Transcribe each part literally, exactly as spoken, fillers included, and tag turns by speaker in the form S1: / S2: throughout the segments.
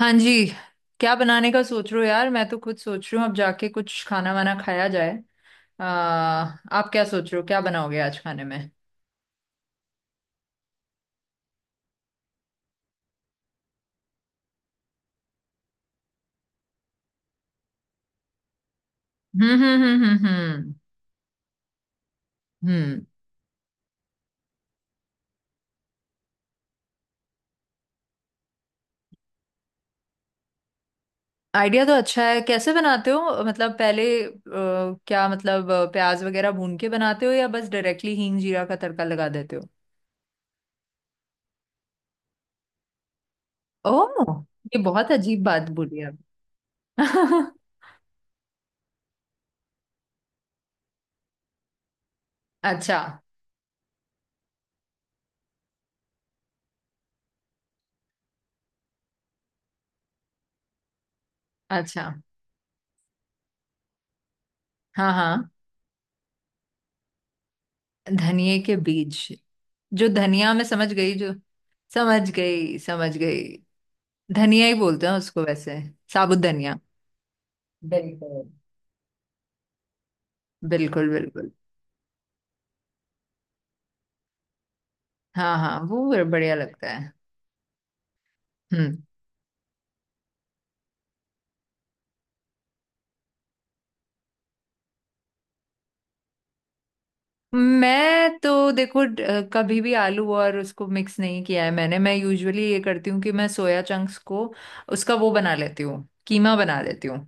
S1: हाँ जी। क्या बनाने का सोच रहे हो यार? मैं तो खुद सोच रही हूँ अब जाके कुछ खाना वाना खाया जाए। आ, आप क्या सोच रहे हो, क्या बनाओगे आज खाने में? हम्म, हम्म, हम्म, हम्म, हम्म, हम्म। आइडिया तो अच्छा है। कैसे बनाते हो, मतलब पहले अ, क्या मतलब अ, प्याज वगैरह भून के बनाते हो या बस डायरेक्टली हींग जीरा का तड़का लगा देते हो? ओह, ये बहुत अजीब बात बोली आप। अच्छा अच्छा। हाँ हाँ। धनिए के बीज जो धनिया में, समझ गई। जो समझ गई, समझ गई। धनिया ही बोलते हैं उसको वैसे। साबुत धनिया। बिल्कुल बिल्कुल बिल्कुल। हाँ हाँ, वो ब- बढ़िया लगता है। हम्म। मैं तो देखो, ड- अ, कभी भी आलू और उसको मिक्स नहीं किया है मैंने। मैं यूजुअली ये करती हूँ कि मैं सोया चंक्स को, उसका वो बना लेती हूँ, कीमा बना लेती हूँ।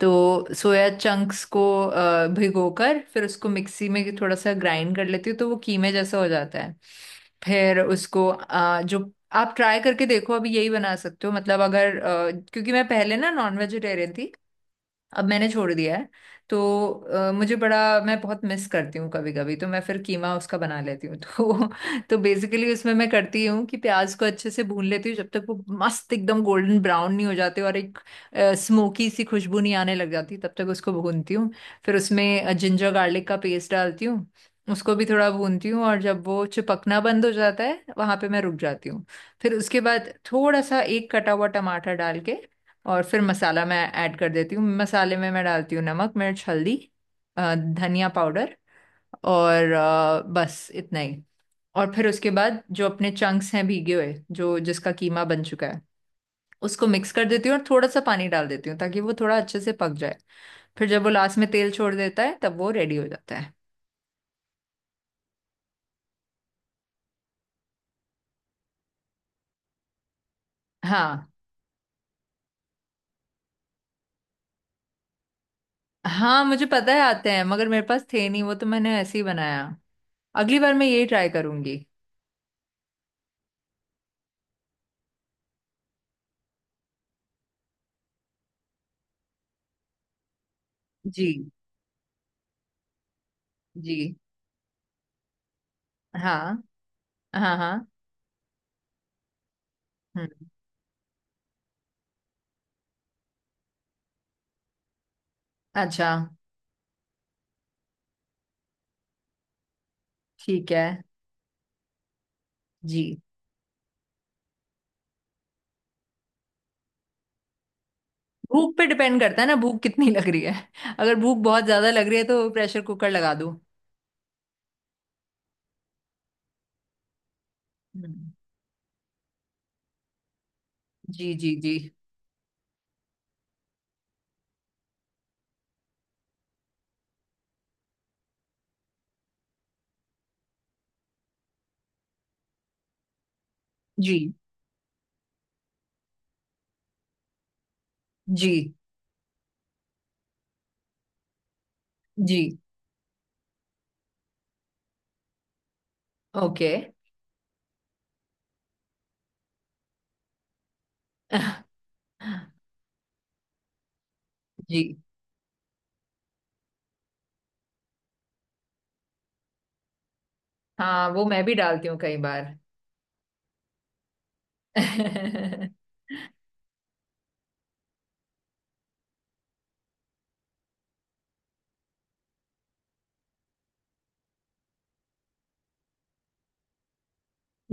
S1: तो सोया चंक्स को अ, भिगोकर फिर उसको मिक्सी में थोड़ा सा ग्राइंड कर लेती हूँ तो वो कीमे जैसा हो जाता है। फिर उसको अ, जो आप ट्राई करके देखो, अभी यही बना सकते हो, मतलब अगर अ, क्योंकि मैं पहले ना नॉन वेजिटेरियन थी, अब मैंने छोड़ दिया है। तो अ, मुझे बड़ा, मैं बहुत मिस करती हूँ कभी कभी तो मैं फिर कीमा उसका बना लेती हूँ। तो तो बेसिकली उसमें मैं करती हूँ कि प्याज को अच्छे से भून लेती हूँ जब तक वो मस्त एकदम गोल्डन ब्राउन नहीं हो जाते और एक स्मोकी सी खुशबू नहीं आने लग जाती, तब तक उसको भूनती हूँ। फिर उसमें जिंजर गार्लिक का पेस्ट डालती हूँ, उसको भी थोड़ा भूनती हूँ, और जब वो चिपकना बंद हो जाता है वहां पे मैं रुक जाती हूँ। फिर उसके बाद थोड़ा सा एक कटा हुआ टमाटर डाल के और फिर मसाला मैं ऐड कर देती हूँ। मसाले में मैं डालती हूँ नमक, मिर्च, हल्दी, अ, धनिया पाउडर, और अ, बस इतना ही। और फिर उसके बाद जो अपने चंक्स हैं भीगे हुए, जो जिसका कीमा बन चुका है, उसको मिक्स कर देती हूँ और थोड़ा सा पानी डाल देती हूँ ताकि वो थोड़ा अच्छे से पक जाए। फिर जब वो लास्ट में तेल छोड़ देता है तब वो रेडी हो जाता है। हाँ हाँ मुझे पता है, आते हैं, मगर मेरे पास थे नहीं वो, तो मैंने ऐसे ही बनाया। अगली बार मैं यही ट्राई करूंगी। जी जी। हाँ हाँ हाँ। हम्म। अच्छा। ठीक है। जी। भूख पे डिपेंड करता है ना, भूख कितनी लग रही है। अगर भूख बहुत ज्यादा लग रही है तो प्रेशर कुकर लगा दो। हम्म, जी जी जी, जी जी जी। ओके। जी। हाँ, वो मैं भी डालती हूँ कई बार।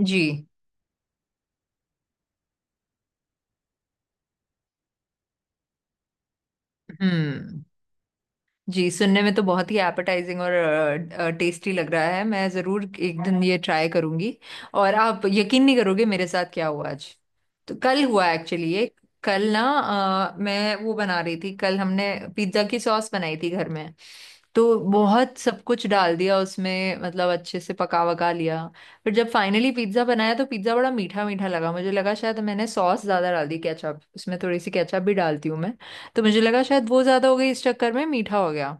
S1: जी। हम्म। जी, सुनने में तो बहुत ही एपेटाइजिंग और टेस्टी लग रहा है। मैं ज़रूर एक दिन ये ट्राई करूंगी। और आप यकीन नहीं करोगे मेरे साथ क्या हुआ आज, तो कल हुआ एक्चुअली ये। कल ना अ, मैं वो बना रही थी, कल हमने पिज्ज़ा की सॉस बनाई थी घर में। तो बहुत सब कुछ डाल दिया उसमें, मतलब अच्छे से पका वका लिया। फिर जब फाइनली पिज्ज़ा बनाया तो पिज्ज़ा बड़ा मीठा मीठा लगा। मुझे लगा शायद मैंने सॉस ज़्यादा डाल दी, केचप उसमें थोड़ी सी केचप भी डालती हूँ मैं, तो मुझे लगा शायद वो ज्यादा हो गई, इस चक्कर में मीठा हो गया।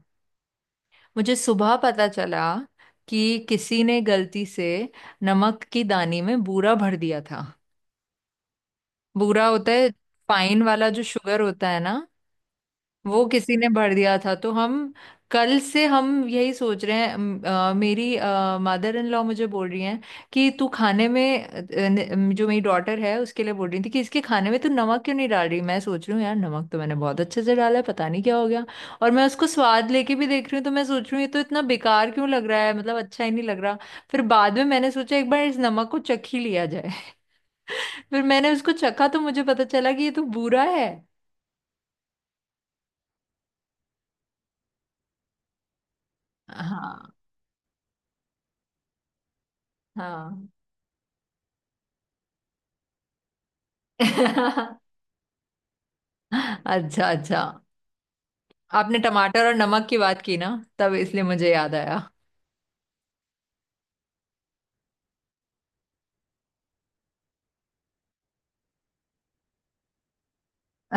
S1: मुझे सुबह पता चला कि किसी ने गलती से नमक की दानी में बूरा भर दिया था। बूरा होता है फाइन वाला जो शुगर होता है ना, वो किसी ने भर दिया था। तो हम कल से हम यही सोच रहे हैं। अम, अ, मेरी मदर इन लॉ मुझे बोल रही हैं कि तू खाने में अ, न- जो मेरी डॉटर है उसके लिए बोल रही थी कि इसके खाने में तू नमक क्यों नहीं डाल रही। मैं सोच रही हूँ यार नमक तो मैंने बहुत अच्छे से डाला है, पता नहीं क्या हो गया। और मैं उसको स्वाद लेके भी देख रही हूँ तो मैं सोच रही हूँ ये तो इतना बेकार क्यों लग रहा है, मतलब अच्छा ही नहीं लग रहा। फिर बाद में मैंने सोचा एक बार इस नमक को चख ही लिया जाए। फिर मैंने उसको चखा तो मुझे पता चला कि ये तो बुरा है। हाँ हाँ। अच्छा अच्छा। आपने टमाटर और नमक की बात की ना, तब इसलिए मुझे याद आया।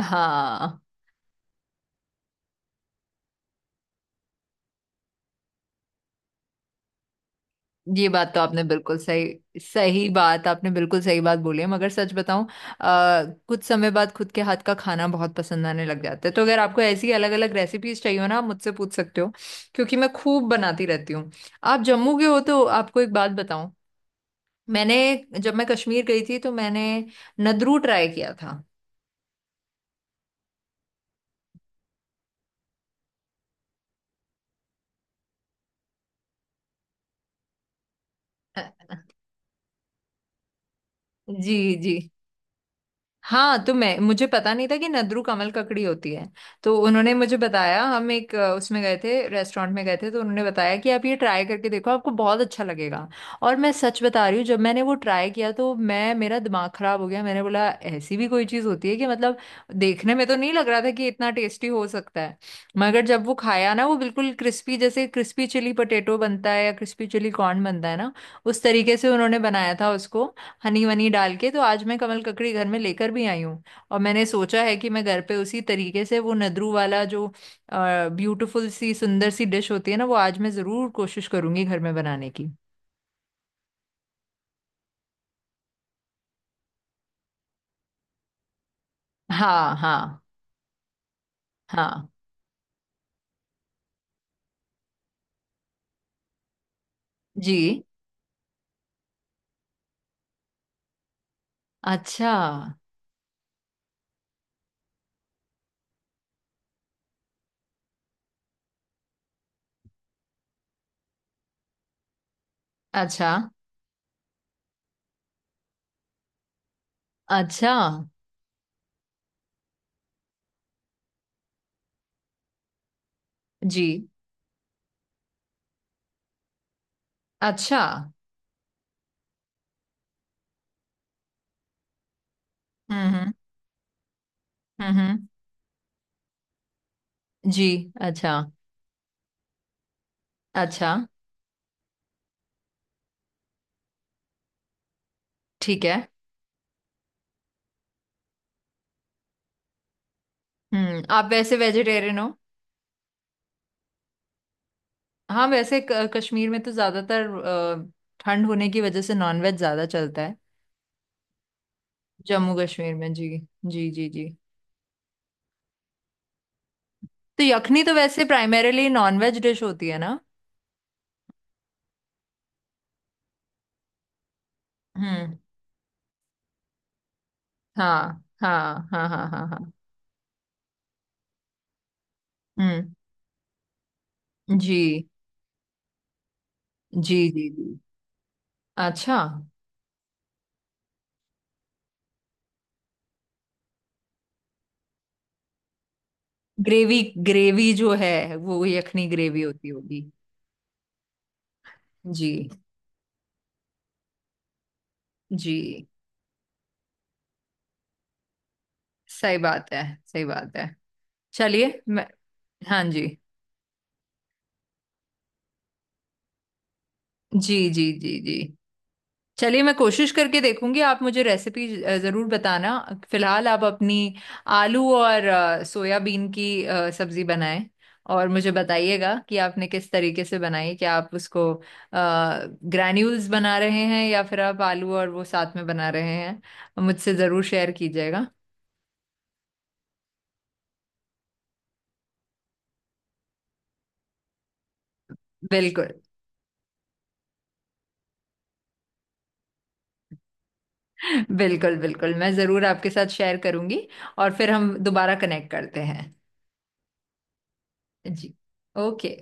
S1: हाँ, ये बात तो आपने बिल्कुल सही, सही बात आपने बिल्कुल सही बात बोली है, मगर सच बताऊं आ, कुछ समय बाद खुद के हाथ का खाना बहुत पसंद आने लग जाता है। तो अगर आपको ऐसी अलग अलग रेसिपीज चाहिए हो ना आप मुझसे पूछ सकते हो, क्योंकि मैं खूब बनाती रहती हूँ। आप जम्मू के हो तो आपको एक बात बताऊं। मैंने जब मैं कश्मीर गई थी तो मैंने नदरू ट्राई किया था। जी जी। हाँ, तो मैं, मुझे पता नहीं था कि नद्रू कमल ककड़ी होती है। तो उन्होंने मुझे बताया, हम एक अ, उसमें गए थे, रेस्टोरेंट में गए थे, तो उन्होंने बताया कि आप ये ट्राई करके देखो, आपको बहुत अच्छा लगेगा। और मैं सच बता रही हूँ, जब मैंने वो ट्राई किया तो मैं, मेरा दिमाग खराब हो गया। मैंने बोला ऐसी भी कोई चीज़ होती है, कि मतलब देखने में तो नहीं लग रहा था कि इतना टेस्टी हो सकता है। मगर जब वो खाया ना, वो बिल्कुल क्रिस्पी, जैसे क्रिस्पी चिली पोटैटो बनता है या क्रिस्पी चिली कॉर्न बनता है ना, उस तरीके से उन्होंने बनाया था उसको, हनी वनी डाल के। तो आज मैं कमल ककड़ी घर में लेकर भी आई हूँ, और मैंने सोचा है कि मैं घर पे उसी तरीके से वो नदरू वाला जो ब्यूटीफुल सी सुंदर सी डिश होती है ना, वो आज मैं जरूर कोशिश करूंगी घर में बनाने की। हाँ हाँ हाँ। जी। अच्छा अच्छा अच्छा। जी। अच्छा। हम्म हम्म हम्म। जी। अच्छा अच्छा। ठीक है। हम्म। आप वैसे वेजिटेरियन हो? हाँ, वैसे क- कश्मीर में तो ज्यादातर अ, ठंड होने की वजह से नॉनवेज ज्यादा चलता है। जम्मू कश्मीर में। जी जी जी जी। तो यखनी तो वैसे प्राइमरीली नॉनवेज डिश होती है ना। हम्म। हाँ हाँ हाँ हाँ हाँ हाँ। हम्म। जी जी जी जी। अच्छा। ग्रेवी, ग्रेवी जो है वो यखनी ग्रेवी होती होगी। जी जी। सही बात है, सही बात है। चलिए मैं हाँ जी। जी जी जी जी चलिए मैं कोशिश करके देखूंगी। आप मुझे रेसिपी जरूर बताना। फिलहाल आप अपनी आलू और अ, सोयाबीन की अ, सब्जी बनाएं। और मुझे बताइएगा कि आपने किस तरीके से बनाई, क्या आप उसको ग्रैन्यूल्स बना रहे हैं या फिर आप आलू और वो साथ में बना रहे हैं, मुझसे जरूर शेयर कीजिएगा। बिल्कुल। बिल्कुल बिल्कुल, मैं जरूर आपके साथ शेयर करूंगी। और फिर हम दोबारा कनेक्ट करते हैं। जी। ओके।